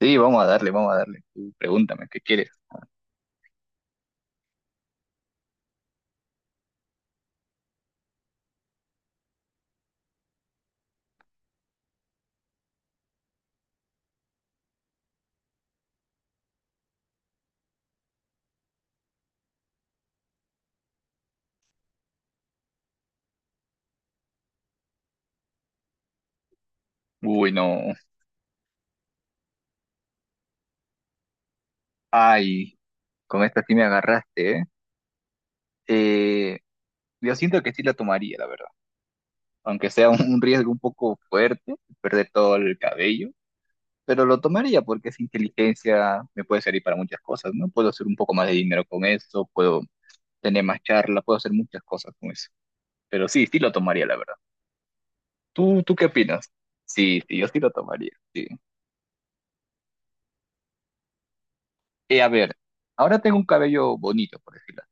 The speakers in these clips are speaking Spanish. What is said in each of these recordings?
Sí, vamos a darle, vamos a darle. Tú pregúntame, ¿qué quieres? Uy, no. Ay, con esta sí me agarraste, ¿eh? Eh, yo siento que sí la tomaría, la verdad. Aunque sea un riesgo un poco fuerte, perder todo el cabello, pero lo tomaría porque esa inteligencia me puede servir para muchas cosas, ¿no? Puedo hacer un poco más de dinero con eso, puedo tener más charla, puedo hacer muchas cosas con eso. Pero sí, sí lo tomaría, la verdad. ¿Tú qué opinas? Sí, sí, yo sí lo tomaría, sí. A ver, ahora tengo un cabello bonito, por decirlo.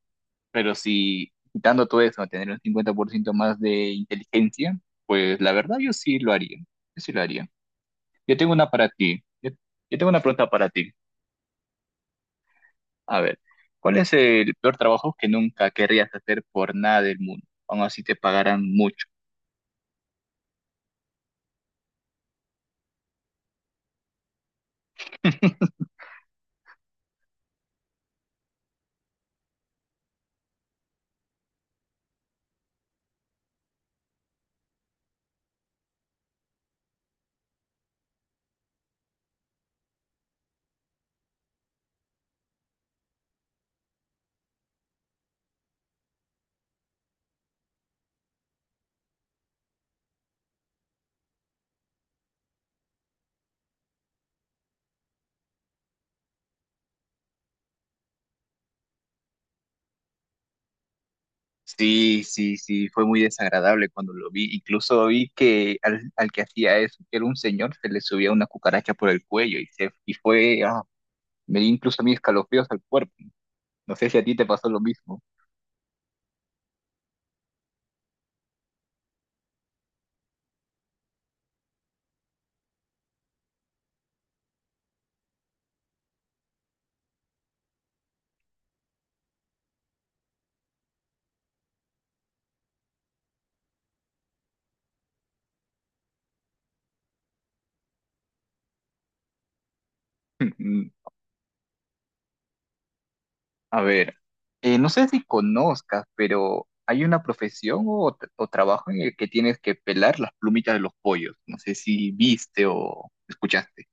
Pero si quitando todo eso, tener un 50% más de inteligencia, pues la verdad yo sí lo haría. Yo sí lo haría. Yo tengo una para ti. Yo tengo una pregunta para ti. A ver, ¿cuál es el peor trabajo que nunca querrías hacer por nada del mundo? Aún así te pagaran mucho. Sí, sí, sí, fue muy desagradable cuando lo vi. Incluso vi que al, al que hacía eso, que era un señor, se le subía una cucaracha por el cuello y, se, y fue, ah, me dio incluso a mí escalofríos al cuerpo. No sé si a ti te pasó lo mismo. A ver, no sé si conozcas, pero hay una profesión o, o trabajo en el que tienes que pelar las plumitas de los pollos. No sé si viste o escuchaste.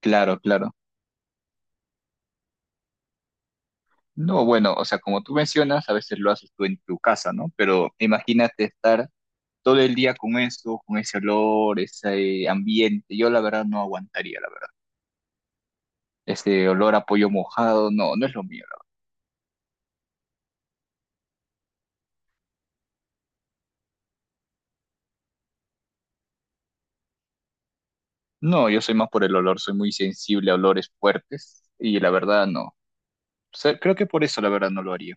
Claro, claro. No, bueno, o sea, como tú mencionas, a veces lo haces tú en tu casa, ¿no? Pero imagínate estar todo el día con eso, con ese olor, ese ambiente. Yo la verdad no aguantaría, la verdad. Ese olor a pollo mojado, no, no es lo mío, la verdad. No, yo soy más por el olor, soy muy sensible a olores fuertes y la verdad no. Sea, creo que por eso la verdad no lo haría.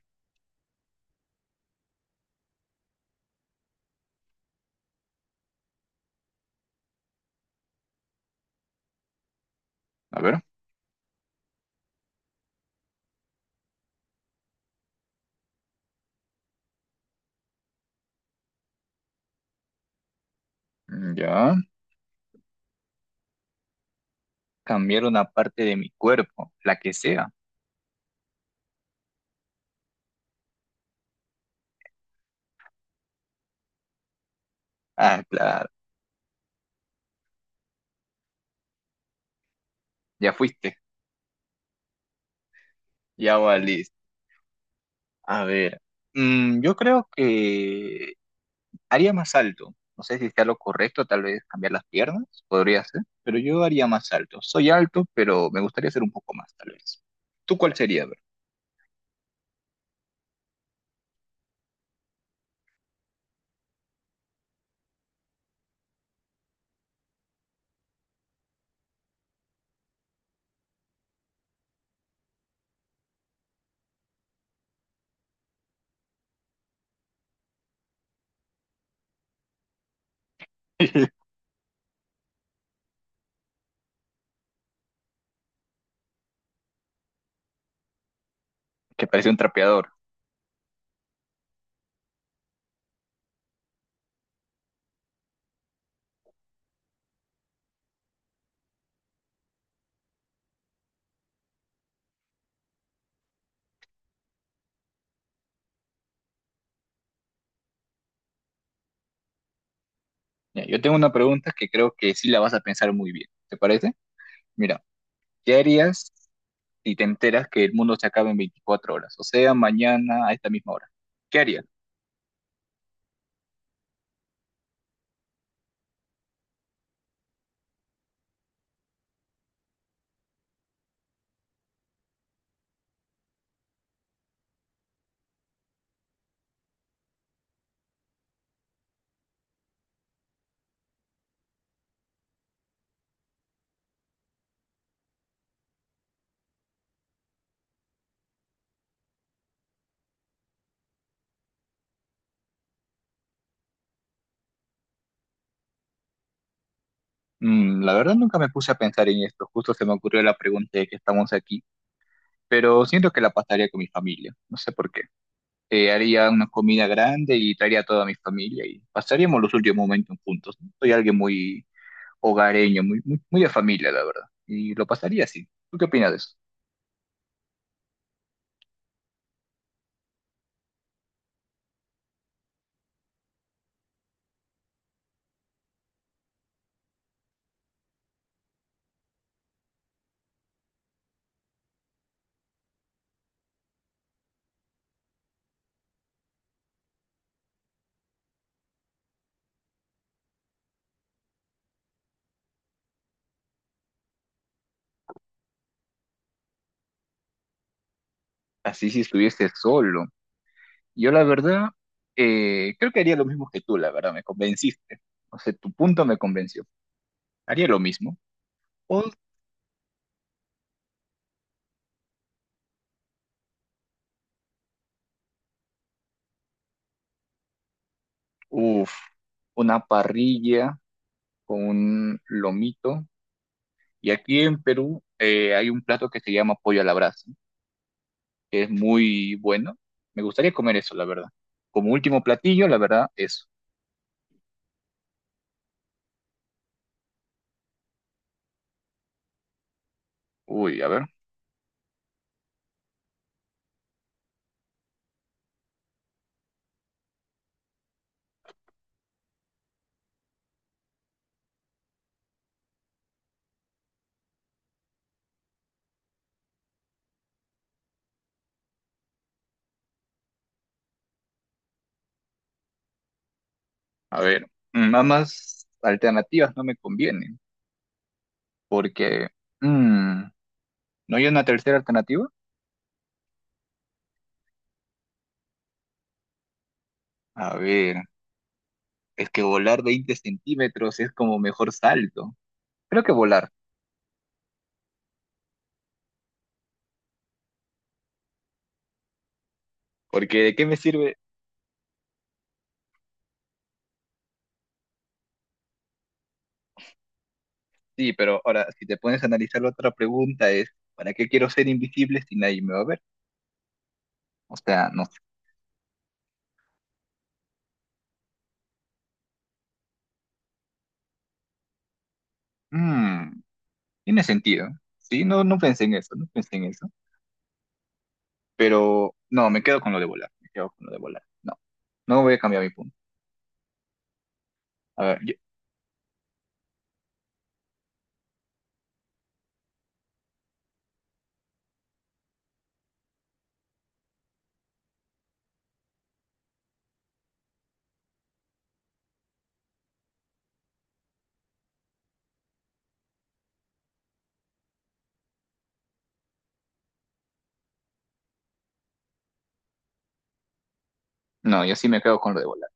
A ver, mm, ya. Cambiar una parte de mi cuerpo, la que sea. Ah, claro, ya fuiste, ya valiste. A ver, mm, yo creo que haría más alto. No sé si sea lo correcto, tal vez cambiar las piernas, podría ser, pero yo haría más alto. Soy alto, pero me gustaría ser un poco más, tal vez. ¿Tú cuál sería? A ver, que parece un trapeador. Ya, yo tengo una pregunta que creo que sí la vas a pensar muy bien. ¿Te parece? Mira, ¿qué harías? Y te enteras que el mundo se acaba en 24 horas, o sea, mañana a esta misma hora. ¿Qué harías? Mm, la verdad nunca me puse a pensar en esto, justo se me ocurrió la pregunta de que estamos aquí, pero siento que la pasaría con mi familia, no sé por qué. Haría una comida grande y traería a toda mi familia y pasaríamos los últimos momentos juntos, ¿no? Soy alguien muy hogareño, muy, muy, muy de familia, la verdad, y lo pasaría así. ¿Tú qué opinas de eso? Así si estuviese solo. Yo la verdad, creo que haría lo mismo que tú, la verdad, me convenciste. O sea, tu punto me convenció. Haría lo mismo. O, uf, una parrilla con un lomito. Y aquí en Perú hay un plato que se llama pollo a la brasa, que es muy bueno. Me gustaría comer eso, la verdad. Como último platillo, la verdad, eso. Uy, a ver, a ver. Mm, nada más alternativas no me convienen, porque... mm, ¿no hay una tercera alternativa? A ver. Es que volar 20 centímetros es como mejor salto. Creo que volar, porque ¿de qué me sirve? Sí, pero ahora, si te pones a analizar la otra pregunta es, ¿para qué quiero ser invisible si nadie me va a ver? O sea, no sé. Mm, tiene sentido. Sí, no, no pensé en eso, no pensé en eso. Pero no, me quedo con lo de volar, me quedo con lo de volar. No, no voy a cambiar mi punto. A ver, no, yo sí me quedo con lo de volar.